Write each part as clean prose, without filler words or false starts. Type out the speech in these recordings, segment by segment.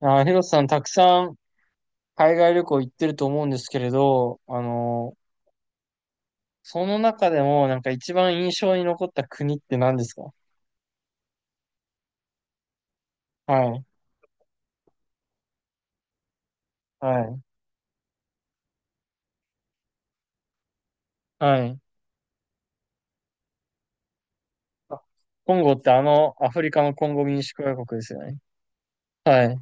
ヒロさん、たくさん海外旅行行ってると思うんですけれど、その中でも、なんか一番印象に残った国って何ですか？はい、はい、はい。あ、コンゴってアフリカのコンゴ民主共和国ですよね。はい、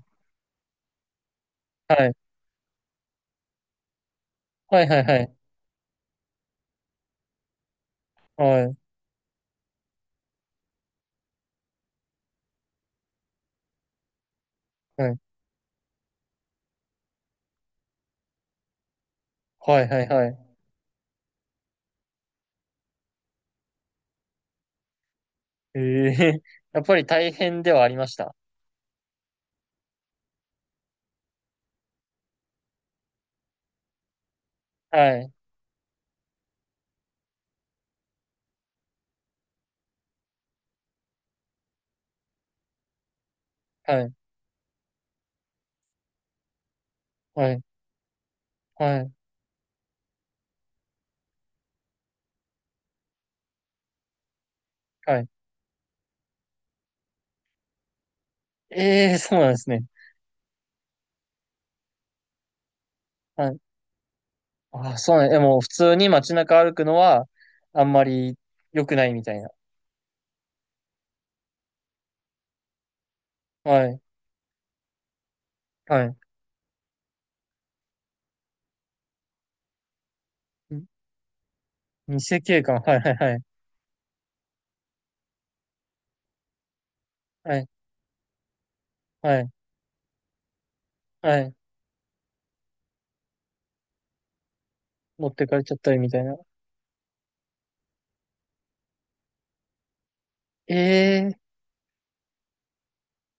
はい、はい、はい、はい、はい、はい、はい、はい、はい。ええ やっぱり大変ではありました。はい、はい、はい、はい、はい。ええ、そうなんですね。はい。あ、そうなんや。え、もう普通に街中歩くのは、あんまり良くないみたいな。はい。はい。ん偽警官。はいはいはい。はい。はい。はい。持ってかれちゃったりみたいな。ええー、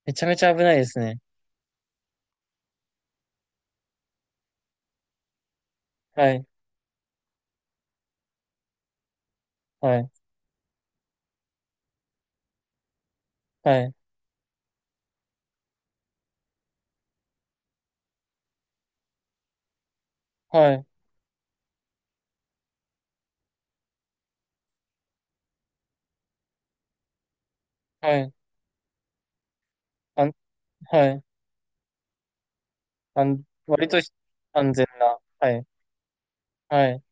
めちゃめちゃ危ないですね。はい。はい。はい。はい。はい。あん、はい。あん、割と安全な。はい。はい。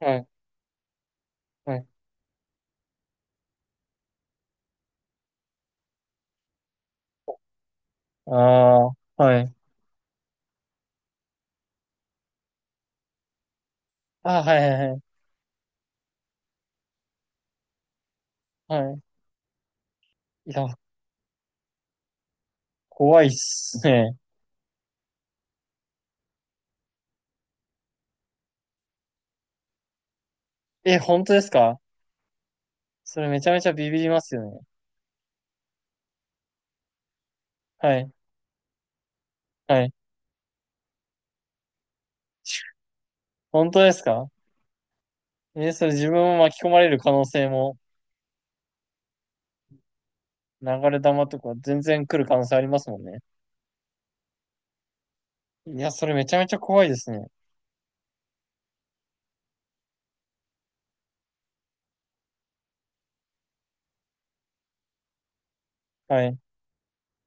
はい。はい。ああ、はい。あー、はいはいはい。はい。いや、怖いっすね。え、本当ですか？それめちゃめちゃビビりますよね。はい。はい。本当ですか？え、それ自分も巻き込まれる可能性も、流れ弾とか全然来る可能性ありますもんね。いや、それめちゃめちゃ怖いですね。はい、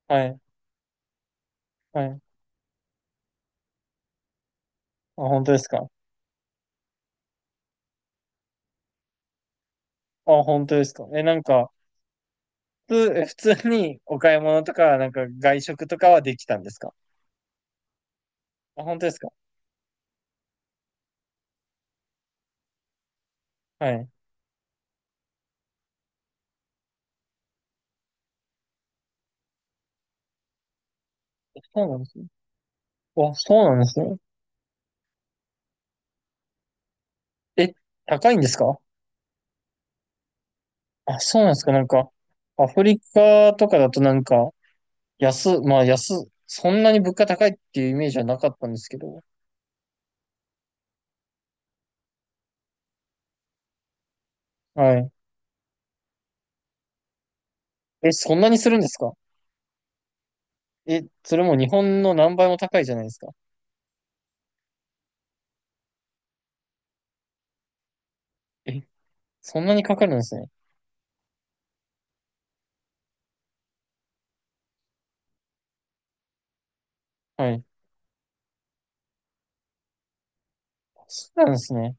はい、はい。あ、本当ですか？あ、本当ですか？え、なんか、普通にお買い物とか、なんか外食とかはできたんですか？あ、本当ですか？はい。そうなんですね。あ、そうなんですね。え、高いんですか？あ、そうなんですか？なんか、アフリカとかだとなんか、安、まあ安、そんなに物価高いっていうイメージはなかったんですけど。はい。え、そんなにするんですか？え、それも日本の何倍も高いじゃないですか。え、そんなにかかるんですね。はい。そうなんですね。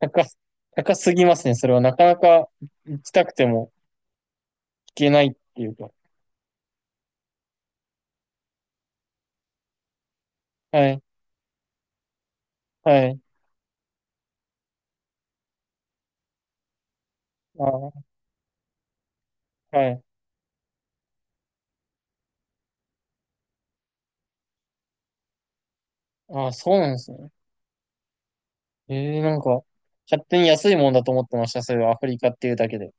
高す、高すぎますね。それはなかなか行きたくても行けないっていうか。はい。はい。あー、はい。あー、そうなんですね。なんか、勝手に安いもんだと思ってました。それアフリカっていうだけで。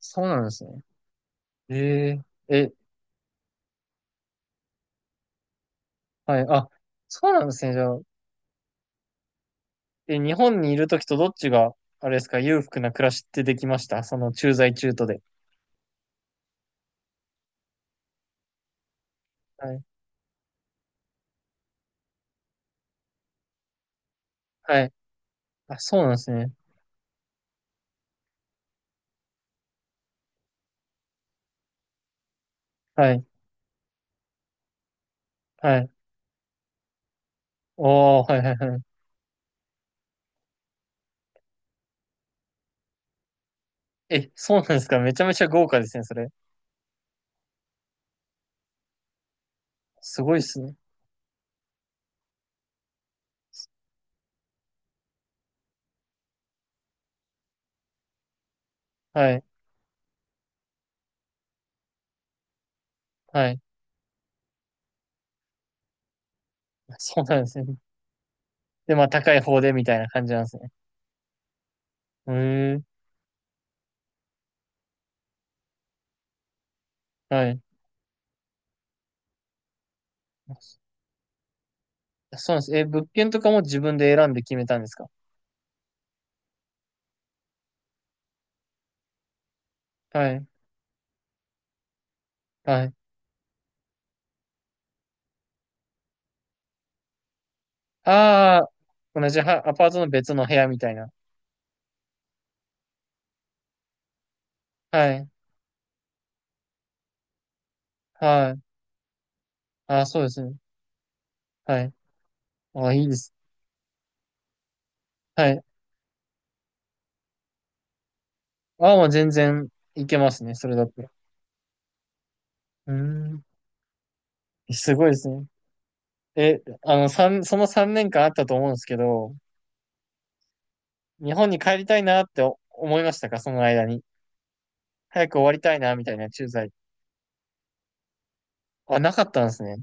そうなんですね。えー、え、はい。あ、そうなんですね。じゃあ、日本にいるときとどっちが、あれですか、裕福な暮らしってできました、その駐在中途で。はい。はい。あ、そうなんですね。はい。はい。おー、はいはいはい。え、そうなんですか。めちゃめちゃ豪華ですね、それ。すごいですね。はい。はい。そうなんですね。で、まあ、高い方でみたいな感じなんですね。へん、はい。そうなんです。え、物件とかも自分で選んで決めたんですか？はい。はい。ああ、同じは、アパートの別の部屋みたいな。はい。はい。ああ、そうですね。はい。ああ、いいですね。はい。ああ、まあ全然いけますね、それだったら。うーん。すごいですね。え、あの、三その3年間あったと思うんですけど、日本に帰りたいなってお思いましたか、その間に？早く終わりたいな、みたいな駐在。あ、なかったんですね。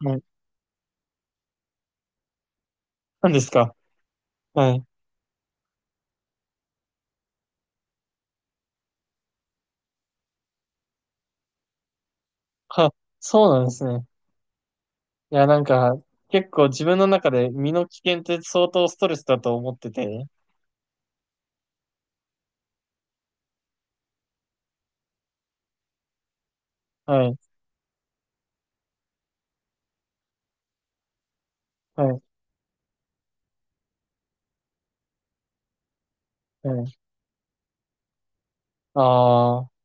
はい。なんですか？はい。は、そうなんですね。いや、なんか、結構自分の中で身の危険って相当ストレスだと思ってて。はい。はい。はい。ああ、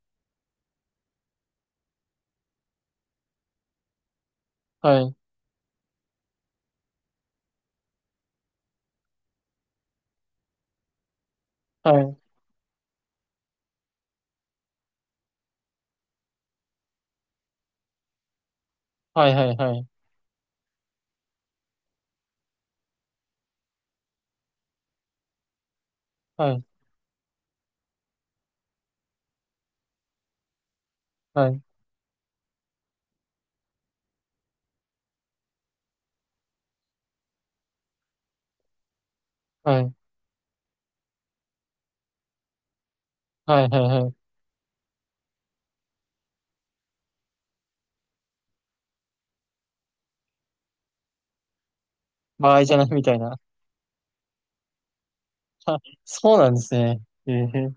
はい。はい。はい。はい。はい。はい。はい。はい。はい。はい。はい。はい。場合じゃないみたいな。あ、そうなんですね。ええ。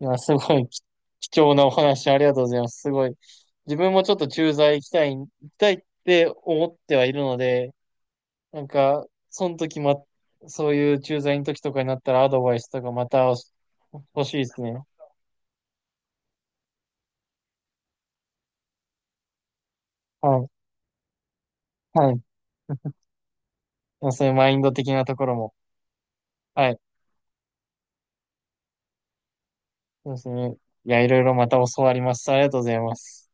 いや、すごい貴重なお話ありがとうございます。すごい。自分もちょっと駐在行きたい、行きたいって思ってはいるので、なんか、その時ま、そういう駐在の時とかになったらアドバイスとかまた欲しいですね。はい。はい。まあそういうマインド的なところも。はい。そうですね。いや、いろいろまた教わります。ありがとうございます。